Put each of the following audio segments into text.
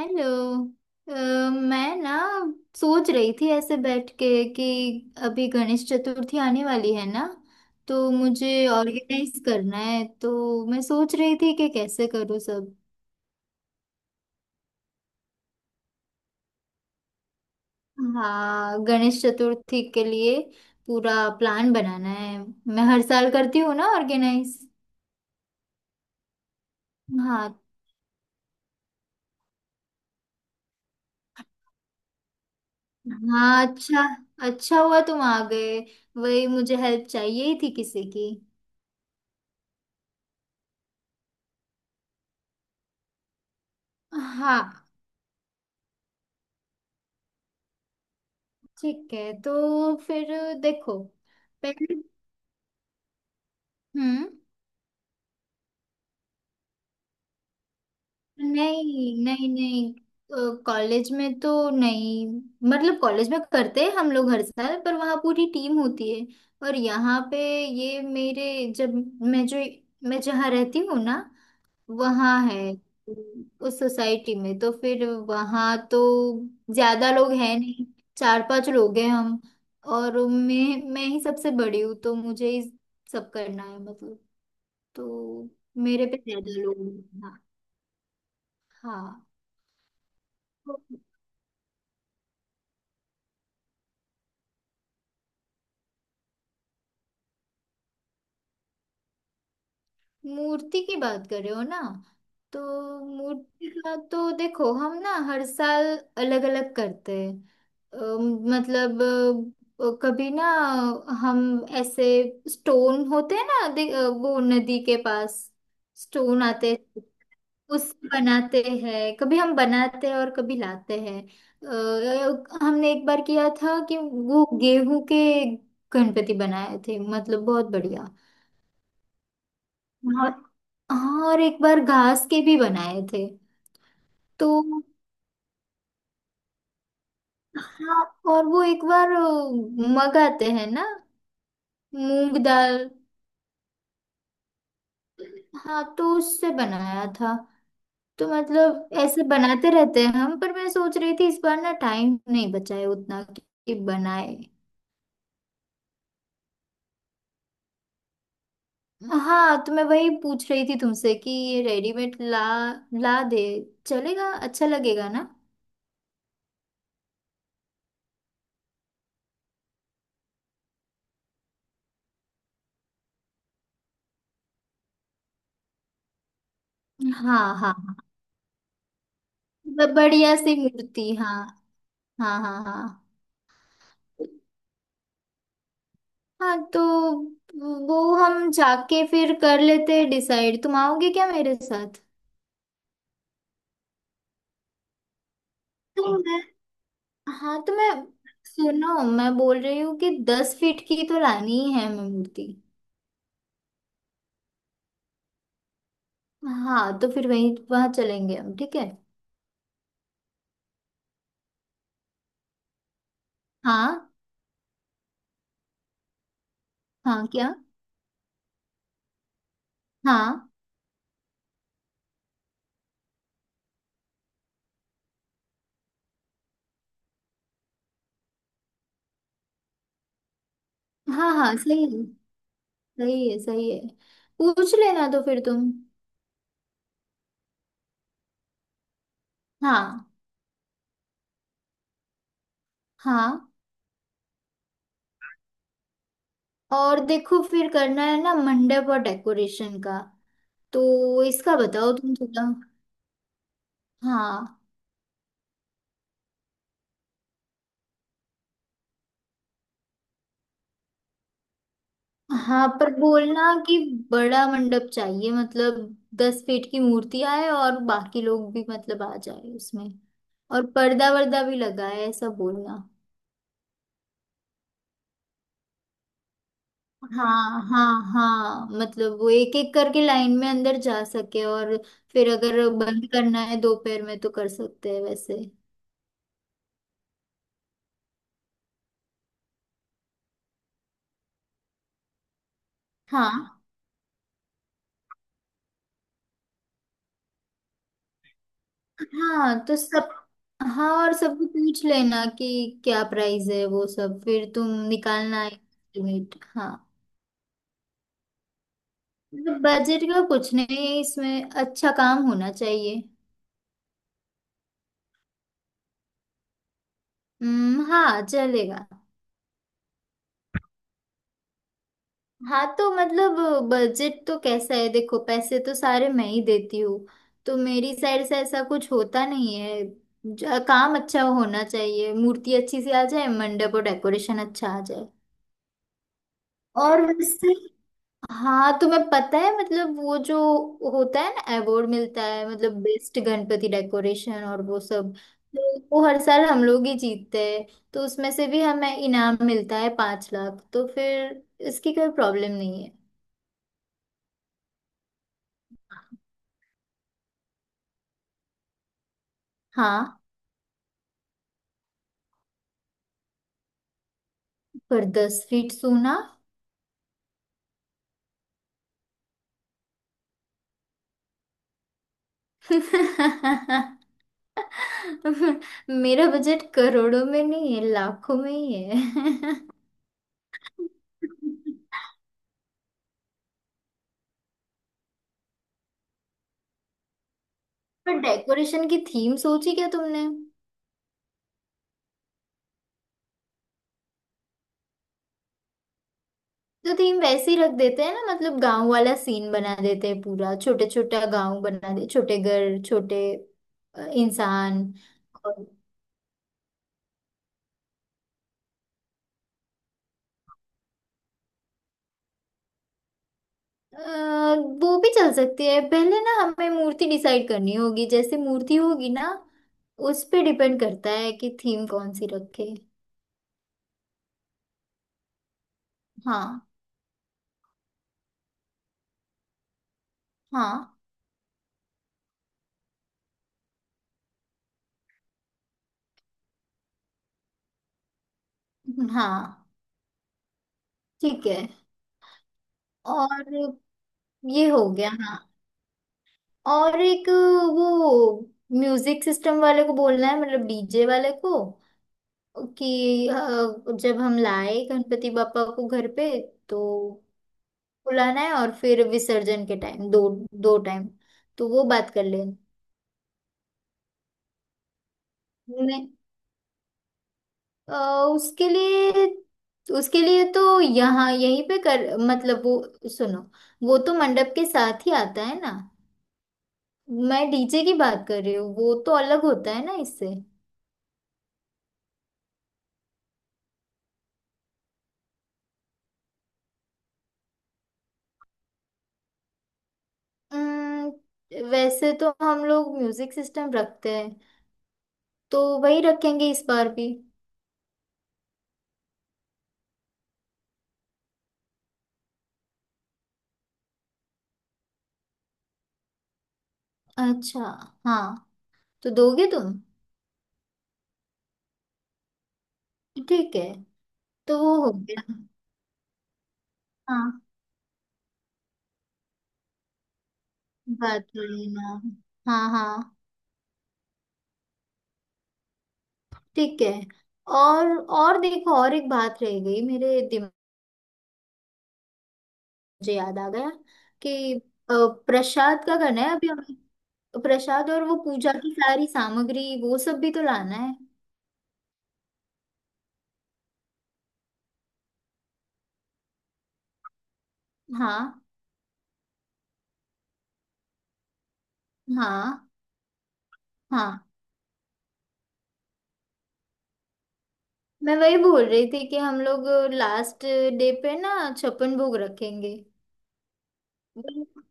Hello. अ, मैं ना सोच रही थी ऐसे बैठ के कि अभी गणेश चतुर्थी आने वाली है ना, तो मुझे ऑर्गेनाइज करना है। तो मैं सोच रही थी कि कैसे करूँ सब। हाँ, गणेश चतुर्थी के लिए पूरा प्लान बनाना है। मैं हर साल करती हूँ ना ऑर्गेनाइज। हाँ हाँ। अच्छा, अच्छा हुआ तुम आ गए। वही मुझे हेल्प चाहिए ही थी किसी की। हाँ, ठीक है तो फिर देखो पहले। हम्म। नहीं नहीं नहीं, कॉलेज में तो नहीं। मतलब कॉलेज में करते हैं हम लोग हर साल, पर वहाँ पूरी टीम होती है। और यहाँ पे ये मेरे जब मैं जो मैं जहाँ रहती हूँ ना, वहाँ है। उस सोसाइटी में तो फिर वहाँ तो ज्यादा लोग हैं नहीं। चार पांच लोग हैं हम। और मैं ही सबसे बड़ी हूँ, तो मुझे ही सब करना है मतलब। तो मेरे पे ज्यादा लोड होगा। हाँ। तो मूर्ति की बात कर रहे हो ना। तो मूर्ति का तो देखो हम ना हर साल अलग अलग करते हैं। मतलब कभी ना हम ऐसे स्टोन होते हैं ना वो नदी के पास स्टोन आते हैं, उससे बनाते हैं। कभी हम बनाते हैं और कभी लाते हैं। हमने एक बार किया था कि वो गेहूं के गणपति बनाए थे, मतलब बहुत बढ़िया। और हाँ, और एक बार घास के भी बनाए थे। तो हाँ, और वो एक बार मगाते हैं ना मूंग दाल। हाँ, तो उससे बनाया था। तो मतलब ऐसे बनाते रहते हैं हम। पर मैं सोच रही थी इस बार ना टाइम नहीं बचा है उतना कि बनाए। हाँ, तो मैं वही पूछ रही थी तुमसे कि ये रेडीमेड ला ला दे। चलेगा, अच्छा लगेगा ना। हाँ हाँ हाँ। बढ़िया सी मूर्ति, हाँ। हाँ हाँ हाँ हाँ। तो वो हम जाके फिर कर लेते हैं डिसाइड। तुम आओगे क्या मेरे साथ। तो मैं हाँ तो मैं, सुनो, मैं बोल रही हूँ कि 10 फीट की तो लानी ही है मैं मूर्ति। हाँ, तो फिर वहीं वहाँ चलेंगे हम, ठीक है। हाँ। हाँ क्या। हाँ हाँ हाँ, सही है। सही है सही है। पूछ लेना तो फिर तुम। हाँ। हाँ, और देखो, फिर करना है ना मंडप और डेकोरेशन का। तो इसका बताओ तुम थोड़ा। हाँ। हाँ, पर बोलना कि बड़ा मंडप चाहिए, मतलब 10 फीट की मूर्ति आए और बाकी लोग भी मतलब आ जाए उसमें। और पर्दा वर्दा भी लगाए, ऐसा बोलना। हाँ हाँ। हाँ, मतलब वो एक एक करके लाइन में अंदर जा सके, और फिर अगर बंद करना है दोपहर में तो कर सकते हैं वैसे। हाँ हाँ तो सब। हाँ, और सबको पूछ लेना कि क्या प्राइस है वो सब। फिर तुम निकालना है estimate। हाँ, मतलब बजट का कुछ नहीं है इसमें, अच्छा काम होना चाहिए। हम्म, हाँ चलेगा। हाँ, तो मतलब बजट तो कैसा है देखो, पैसे तो सारे मैं ही देती हूँ। तो मेरी साइड से ऐसा कुछ होता नहीं है। काम अच्छा होना चाहिए, मूर्ति अच्छी सी आ जाए, मंडप और डेकोरेशन अच्छा आ जाए। और वैसे, हाँ, तुम्हें पता है मतलब वो जो होता है ना अवार्ड मिलता है मतलब बेस्ट गणपति डेकोरेशन और वो सब। तो वो हर साल हम लोग ही जीतते हैं। तो उसमें से भी हमें इनाम मिलता है 5 लाख, तो फिर इसकी कोई प्रॉब्लम नहीं है। हाँ, पर 10 फीट सोना। मेरा बजट करोड़ों में नहीं है, लाखों में ही है। पर डेकोरेशन की थीम सोची क्या तुमने। तो थीम वैसे ही रख देते हैं ना, मतलब गांव वाला सीन बना देते हैं पूरा, छोटे छोटा गांव बना दे, छोटे घर, छोटे इंसान। अ, वो भी चल सकती है। पहले ना हमें मूर्ति डिसाइड करनी होगी, जैसे मूर्ति होगी ना उस पे डिपेंड करता है कि थीम कौन सी रखे। हाँ हाँ हाँ, ठीक है। और ये हो गया। हाँ, और एक वो म्यूजिक सिस्टम वाले को बोलना है, मतलब डीजे वाले को कि जब हम लाए गणपति बापा को घर पे, तो बुलाना है। और फिर विसर्जन के टाइम दो, दो टाइम। तो वो बात कर लेना। अ, उसके लिए, उसके लिए तो यहाँ यहीं पे कर मतलब वो, सुनो, वो तो मंडप के साथ ही आता है ना। मैं डीजे की बात कर रही हूँ, वो तो अलग होता है ना इससे। अम्म, वैसे तो हम लोग म्यूजिक सिस्टम रखते हैं, तो वही रखेंगे इस बार भी। अच्छा, हाँ। तो दोगे तुम। ठीक है। तो वो हो गया। हाँ, बात कर लेना। हाँ हाँ, ठीक है। और और देखो, और एक बात रह गई मेरे दिमाग, मुझे याद आ गया कि अ, प्रसाद का करना है अभी हमें। प्रसाद और वो पूजा की सारी सामग्री वो सब भी तो लाना है। हाँ हाँ हाँ, मैं वही बोल रही थी कि हम लोग लास्ट डे पे ना छप्पन भोग रखेंगे। वो-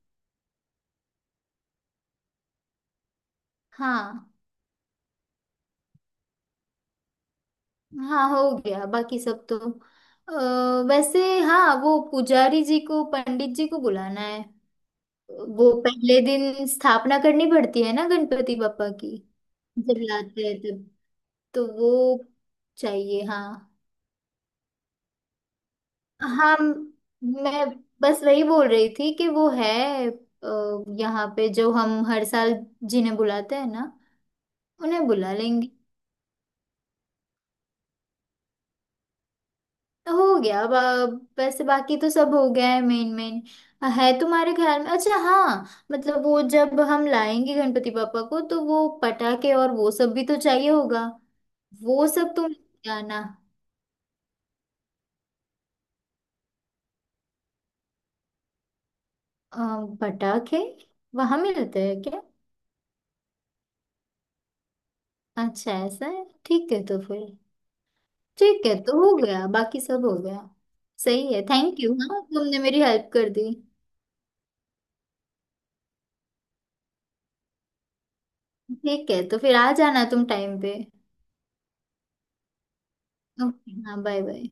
हाँ हाँ, हो गया बाकी सब तो। वैसे, हाँ, वो पुजारी जी को, पंडित जी को बुलाना है। वो पहले दिन स्थापना करनी पड़ती है ना गणपति बापा की, जब लाते हैं तब। तो वो चाहिए, हाँ। हाँ, मैं बस वही बोल रही थी कि वो है यहाँ पे जो हम हर साल जिन्हें बुलाते हैं ना, उन्हें बुला लेंगे। तो हो गया। अब वैसे बाकी तो सब हो गया है, मेन मेन है तुम्हारे ख्याल में। अच्छा, हाँ, मतलब वो जब हम लाएंगे गणपति पापा को, तो वो पटाखे और वो सब भी तो चाहिए होगा, वो सब तुम लेके आना। अ, पटाखे वहां मिलते हैं क्या। अच्छा, ऐसा है, ठीक है तो फिर ठीक है, तो हो गया बाकी सब हो गया। सही है, थैंक यू, हाँ, तुमने मेरी हेल्प कर दी। ठीक है, तो फिर आ जाना तुम टाइम पे। ओके, हाँ, बाय बाय।